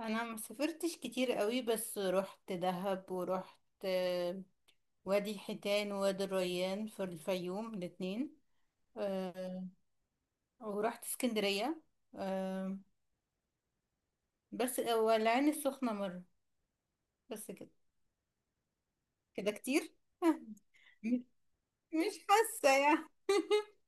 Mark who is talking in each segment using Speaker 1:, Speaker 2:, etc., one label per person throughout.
Speaker 1: انا ما سافرتش كتير قوي بس رحت دهب ورحت آه، وادي حيتان ووادي الريان في الفيوم الاتنين. آه، ورحت اسكندرية. آه، بس والعين السخنة مرة. بس كده. كده كتير. مش حاسة يعني.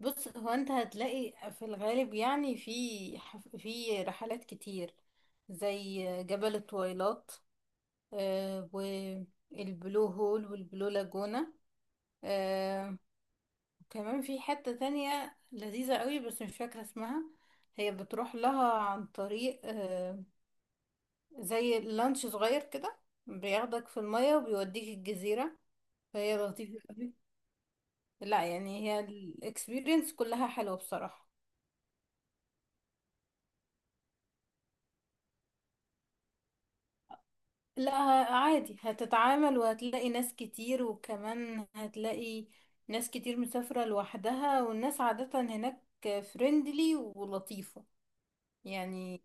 Speaker 1: بص، هو انت هتلاقي في الغالب يعني في رحلات كتير زي جبل الطويلات، والبلو هول والبلو لاجونا. آه، كمان في حتة تانية لذيذة قوي بس مش فاكرة اسمها. هي بتروح لها عن طريق زي لانش صغير كده، بياخدك في المية وبيوديك الجزيرة. فهي لطيفة قوي. لا، يعني هي الاكسبيرينس كلها حلوة بصراحة. لا، عادي، هتتعامل وهتلاقي ناس كتير، وكمان هتلاقي ناس كتير مسافرة لوحدها، والناس عادة هناك فريندلي ولطيفة. يعني،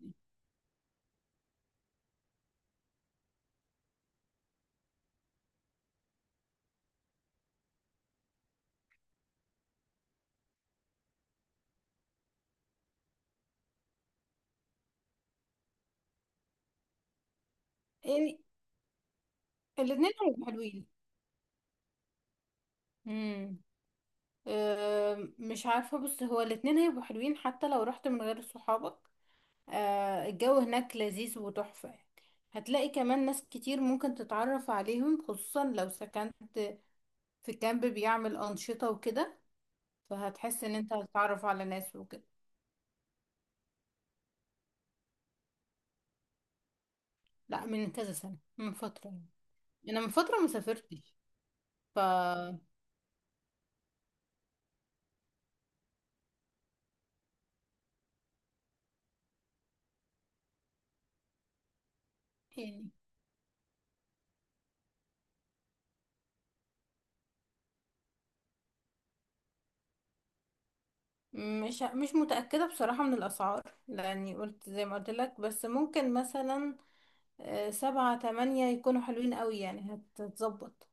Speaker 1: يعني الاتنين هيبقوا حلوين. امم أه، مش عارفة. بص، هو الاتنين هيبقوا حلوين حتى لو رحت من غير صحابك. أه، الجو هناك لذيذ وتحفة يعني. هتلاقي كمان ناس كتير ممكن تتعرف عليهم، خصوصا لو سكنت في كامب بيعمل أنشطة وكده، فهتحس ان انت هتتعرف على ناس وكده. لا، من كذا سنة، من فترة يعني. انا من فترة مسافرتش. ف يعني مش متأكدة بصراحة من الأسعار، لأني قلت زي ما قلت لك، بس ممكن مثلا سبعة تمانية يكونوا حلوين قوي، يعني هتظبط.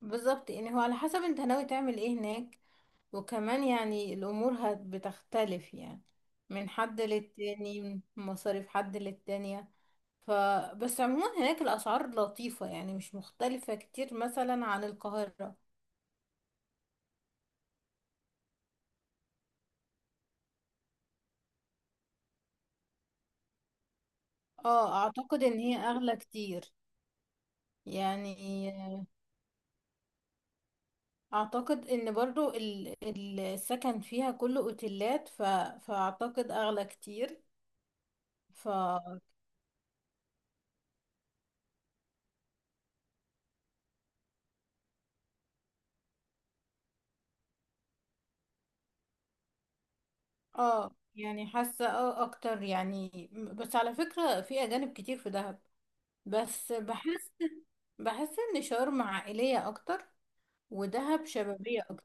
Speaker 1: بالظبط، يعني هو على حسب انت ناوي تعمل ايه هناك، وكمان يعني الامور بتختلف يعني، من حد للتاني، من مصاريف حد للتانية. ف بس عموما هناك الاسعار لطيفة يعني، مش مختلفة كتير مثلا عن القاهرة. اه، اعتقد ان هي اغلى كتير يعني. اعتقد ان برضو السكن فيها كله اوتيلات. فاعتقد اغلى كتير. اه يعني حاسة اه اكتر يعني، بس على فكرة في اجانب كتير في دهب، بس بحس ان شرم عائلية اكتر، ودهب شبابية اكتر.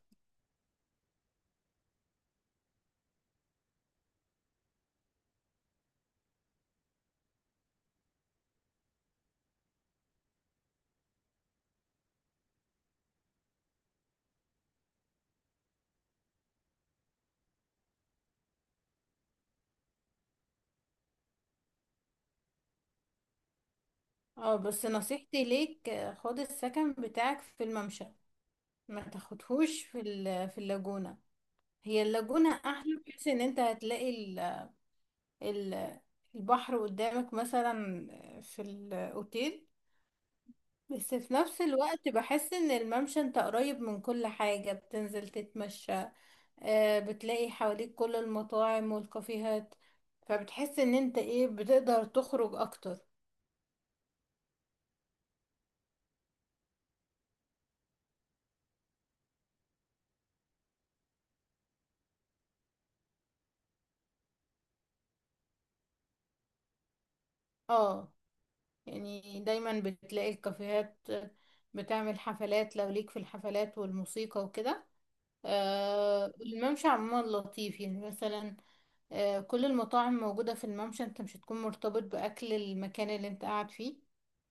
Speaker 1: اه، بس نصيحتي ليك خد السكن بتاعك في الممشى، ما تاخدهوش في في اللاجونة. هي اللاجونة احلى، بحيث ان انت هتلاقي ال- البحر قدامك مثلا في الاوتيل. بس في نفس الوقت بحس ان الممشى انت قريب من كل حاجة، بتنزل تتمشى، بتلاقي حواليك كل المطاعم والكافيهات، فبتحس ان انت ايه بتقدر تخرج اكتر. اه يعني، دايما بتلاقي الكافيهات بتعمل حفلات، لو ليك في الحفلات والموسيقى وكده. آه، الممشى عموما لطيف يعني، مثلا آه كل المطاعم موجودة في الممشى. انت مش هتكون مرتبط بأكل المكان اللي انت قاعد فيه.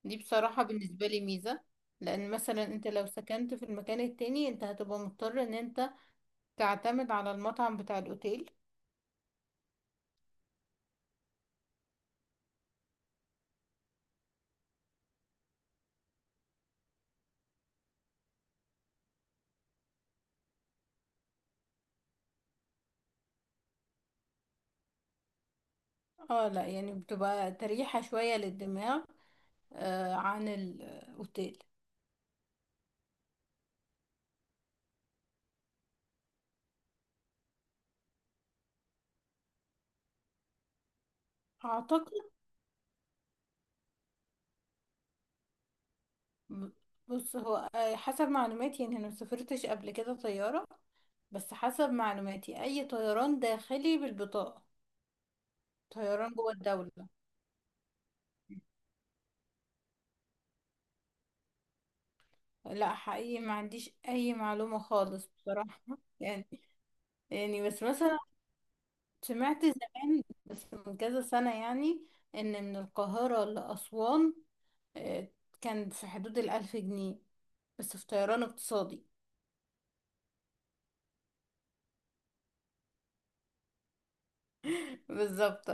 Speaker 1: دي بصراحة بالنسبة لي ميزة، لأن مثلا انت لو سكنت في المكان التاني انت هتبقى مضطر ان انت تعتمد على المطعم بتاع الأوتيل. اه لا، يعني بتبقى تريحة شوية للدماغ آه عن الأوتيل. أعتقد ب- بص، هو حسب معلوماتي يعني أنا مسافرتش قبل كده طيارة، بس حسب معلوماتي أي طيران داخلي بالبطاقة. طيران جوه الدولة. لا حقيقي ما عنديش أي معلومة خالص بصراحة يعني. يعني، بس مثلا سمعت زمان، بس من كذا سنة يعني، إن من القاهرة لأسوان آه، كان في حدود 1000 جنيه، بس في طيران اقتصادي. بالظبط.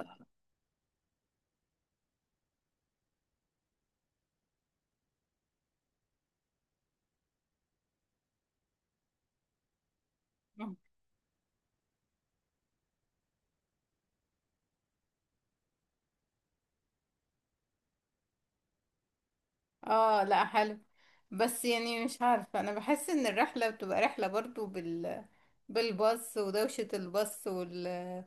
Speaker 1: اه لا، حلو، بس يعني مش عارفة، أنا بحس إن الرحلة بتبقى رحلة برضو بالباص، ودوشة الباص والناس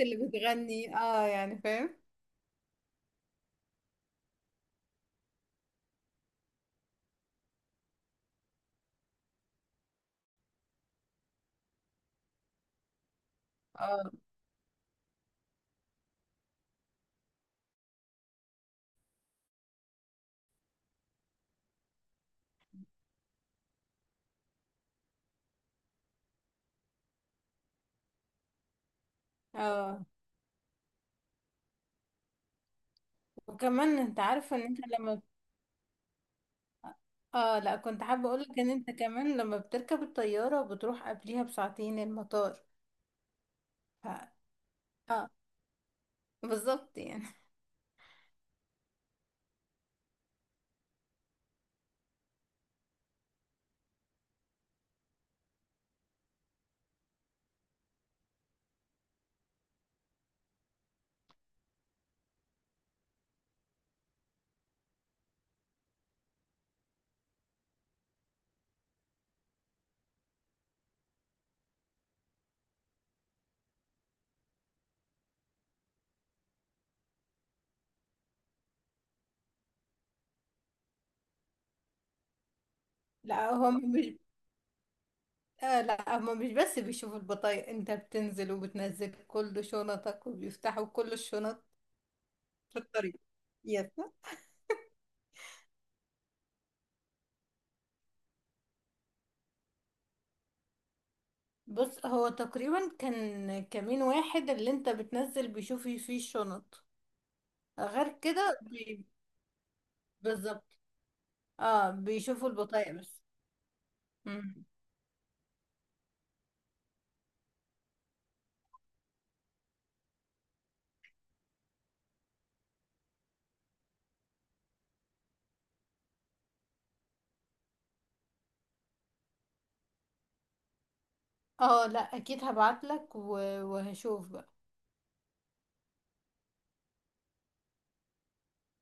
Speaker 1: اللي بتغني اه، يعني فاهم. اه، اه، وكمان انت عارفة ان انت لما اه، لا، كنت حابة اقولك ان انت كمان لما بتركب الطيارة بتروح قبليها بساعتين المطار. ف... اه، بالظبط يعني. لا هم مش لا هما مش بس بيشوفوا البطايق، انت بتنزل وبتنزل كل شنطك وبيفتحوا كل الشنط في الطريق. يس. بص، هو تقريبا كان كمين واحد اللي انت بتنزل بيشوف فيه الشنط، غير كده بالظبط، اه، بيشوفوا البطايق بس. مم. اه لا، اكيد هبعتلك وهشوف.